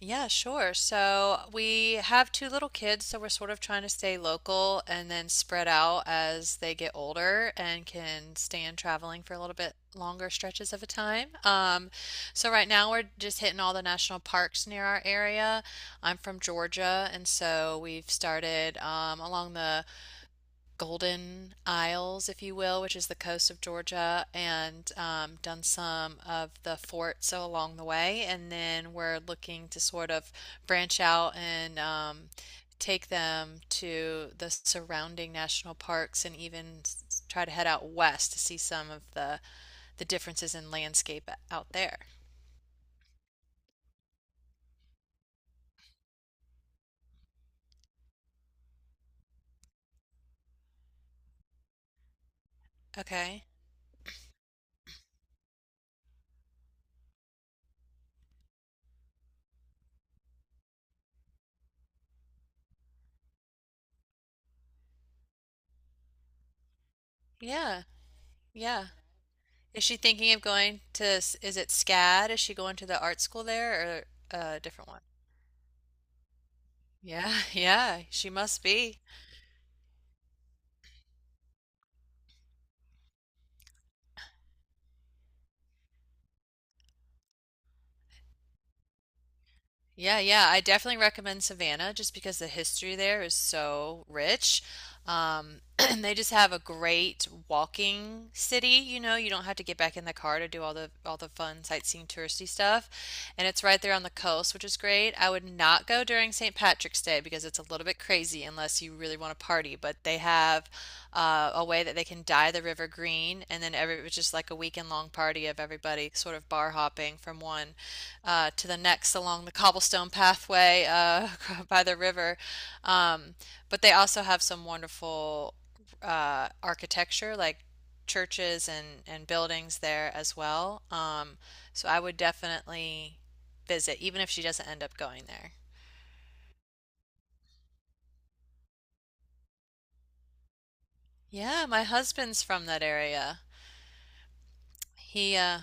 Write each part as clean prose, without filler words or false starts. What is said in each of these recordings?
Yeah, sure. So we have two little kids, so we're sort of trying to stay local and then spread out as they get older and can stand traveling for a little bit longer stretches of a time. So right now we're just hitting all the national parks near our area. I'm from Georgia, and so we've started along the Golden Isles, if you will, which is the coast of Georgia, and done some of the forts so along the way. And then we're looking to sort of branch out and take them to the surrounding national parks and even try to head out west to see some of the differences in landscape out there. Okay. Yeah. Yeah. Is she thinking of going to, is it SCAD? Is she going to the art school there or a different one? Yeah, yeah, she must be. Yeah, yeah, I definitely recommend Savannah just because the history there is so rich. And they just have a great walking city, you know, you don't have to get back in the car to do all the fun sightseeing touristy stuff. And it's right there on the coast, which is great. I would not go during St. Patrick's Day because it's a little bit crazy unless you really want to party, but they have a way that they can dye the river green, and then every it was just like a weekend long party of everybody sort of bar hopping from one to the next along the cobblestone pathway by the river. Um, but they also have some wonderful architecture, like churches and buildings there as well. So I would definitely visit, even if she doesn't end up going there. Yeah, my husband's from that area. He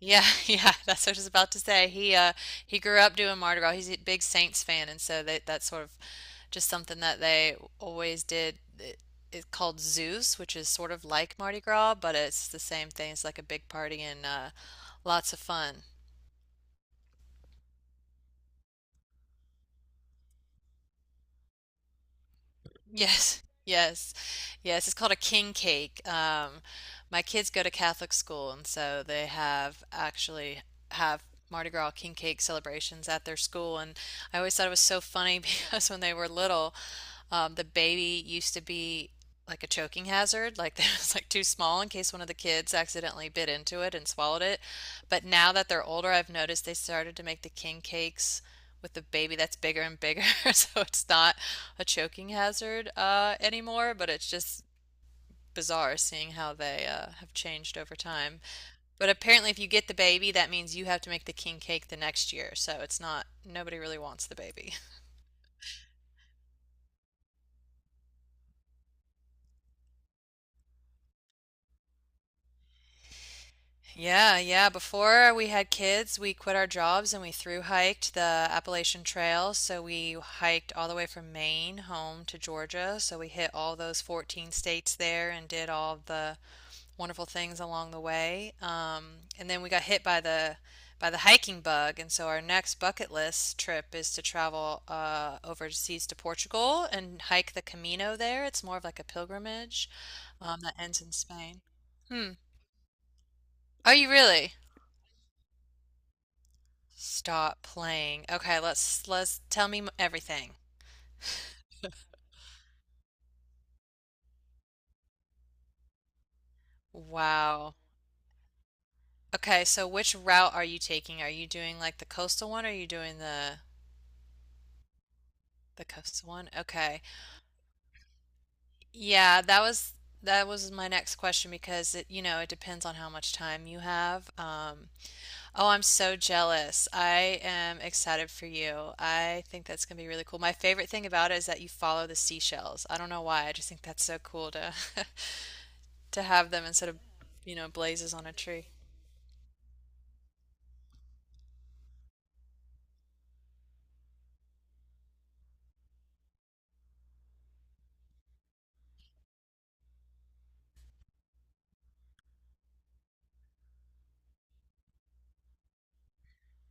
Yeah, yeah, that's what I was about to say. He grew up doing Mardi Gras. He's a big Saints fan, and so that's sort of just something that they always did. It's called Zeus, which is sort of like Mardi Gras, but it's the same thing. It's like a big party and lots of fun. Yes, yes, yes. It's called a king cake. My kids go to Catholic school, and so they have actually have Mardi Gras king cake celebrations at their school. And I always thought it was so funny because when they were little, the baby used to be like a choking hazard, like it was like too small in case one of the kids accidentally bit into it and swallowed it. But now that they're older, I've noticed they started to make the king cakes with a baby that's bigger and bigger, so it's not a choking hazard anymore, but it's just bizarre seeing how they have changed over time. But apparently, if you get the baby, that means you have to make the king cake the next year, so it's not, nobody really wants the baby. Yeah, yeah. Before we had kids, we quit our jobs and we through hiked the Appalachian Trail. So we hiked all the way from Maine home to Georgia. So we hit all those 14 states there and did all the wonderful things along the way. And then we got hit by the hiking bug, and so our next bucket list trip is to travel overseas to Portugal and hike the Camino there. It's more of like a pilgrimage that ends in Spain. Hmm. Oh, you really? Stop playing. Okay, let's tell me everything. Wow. Okay, so which route are you taking? Are you doing like the coastal one or are you doing the coastal one? Okay. Yeah, that was my next question because it, you know, it depends on how much time you have. Oh, I'm so jealous. I am excited for you. I think that's gonna be really cool. My favorite thing about it is that you follow the seashells. I don't know why. I just think that's so cool to to have them instead of, you know, blazes on a tree.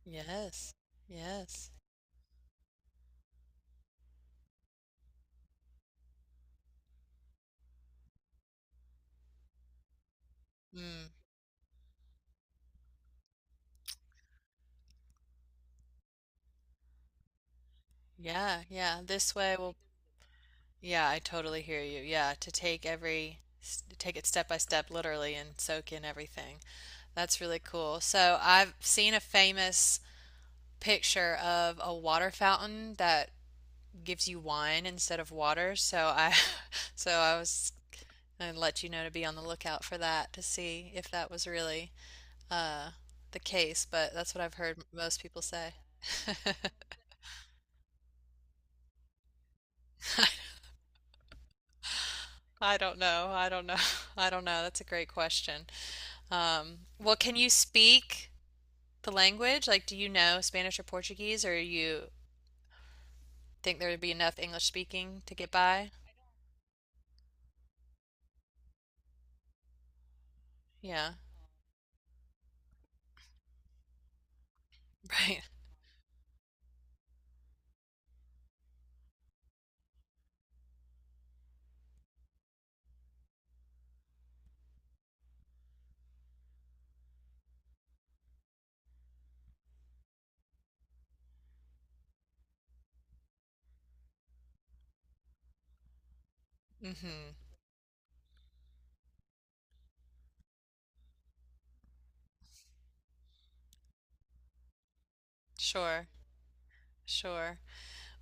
Yes. Yes. Mm. Yeah, yeah. This way we'll. Yeah, I totally hear you. Yeah, to take every take it step by step literally and soak in everything. That's really cool. So I've seen a famous picture of a water fountain that gives you wine instead of water. So I was going to let you know to be on the lookout for that to see if that was really uh, the case. But that's what I've heard most people say. I don't know. I don't know. I don't know. That's a great question. Well, can you speak the language? Like, do you know Spanish or Portuguese, or you think there would be enough English speaking to get by? Yeah, right. Hmm. Sure, sure.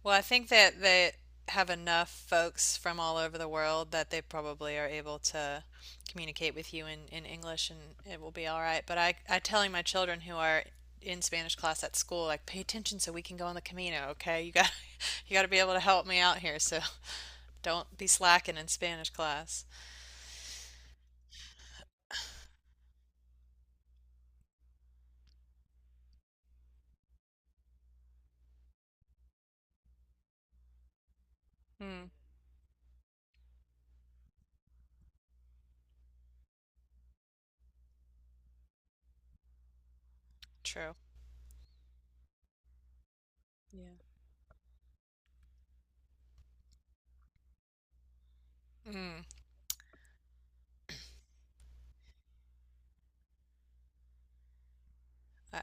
Well, I think that they have enough folks from all over the world that they probably are able to communicate with you in English and it will be all right. But I telling my children who are in Spanish class at school, like, pay attention so we can go on the Camino, okay? You got you got to be able to help me out here, so don't be slacking in Spanish class. Mm, true. Yeah. Mm, I,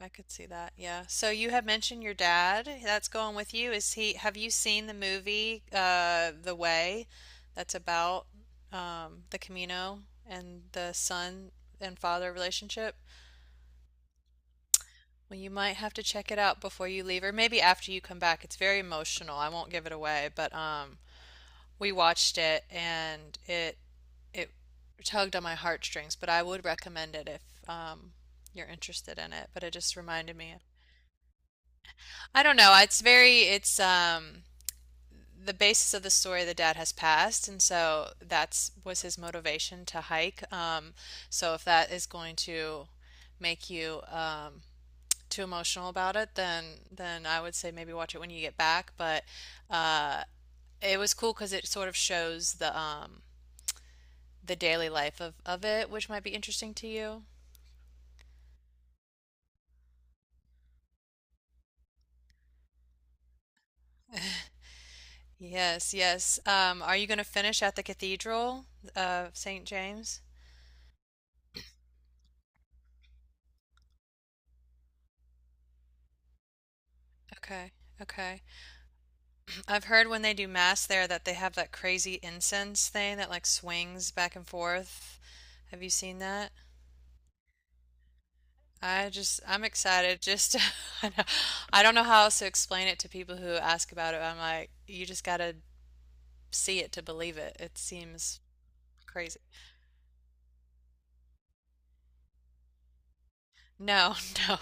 I could see that. Yeah. So you had mentioned your dad. That's going with you. Have you seen the movie, The Way? That's about, the Camino and the son and father relationship? Well, you might have to check it out before you leave, or maybe after you come back. It's very emotional. I won't give it away, but, we watched it, and it tugged on my heartstrings, but I would recommend it if, you're interested in it. But it just reminded me I don't know. It's the basis of the story the dad has passed, and so that's was his motivation to hike. So if that is going to make you too emotional about it, then I would say maybe watch it when you get back. But uh it was cool because it sort of shows the daily life of it, which might be interesting to you. Yes, yes. Are you going to finish at the Cathedral of St. James? Okay, okay. I've heard when they do mass there that they have that crazy incense thing that like swings back and forth. Have you seen that? I just I'm excited just to, I know- I don't know how else to explain it to people who ask about it. I'm like, you just gotta see it to believe it. It seems crazy. No, no,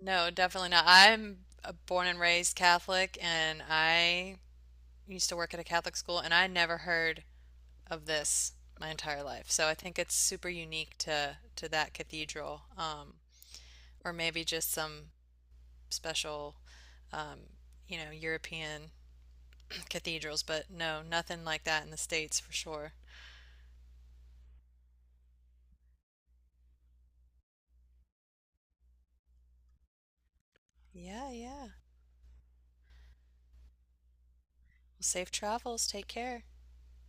no, definitely not. I'm a born and raised Catholic and I used to work at a Catholic school and I never heard of this my entire life. So I think it's super unique to that cathedral, or maybe just some special, um, you know, European cathedrals. But no, nothing like that in the States for sure. Yeah, yeah. Well, safe travels. Take care.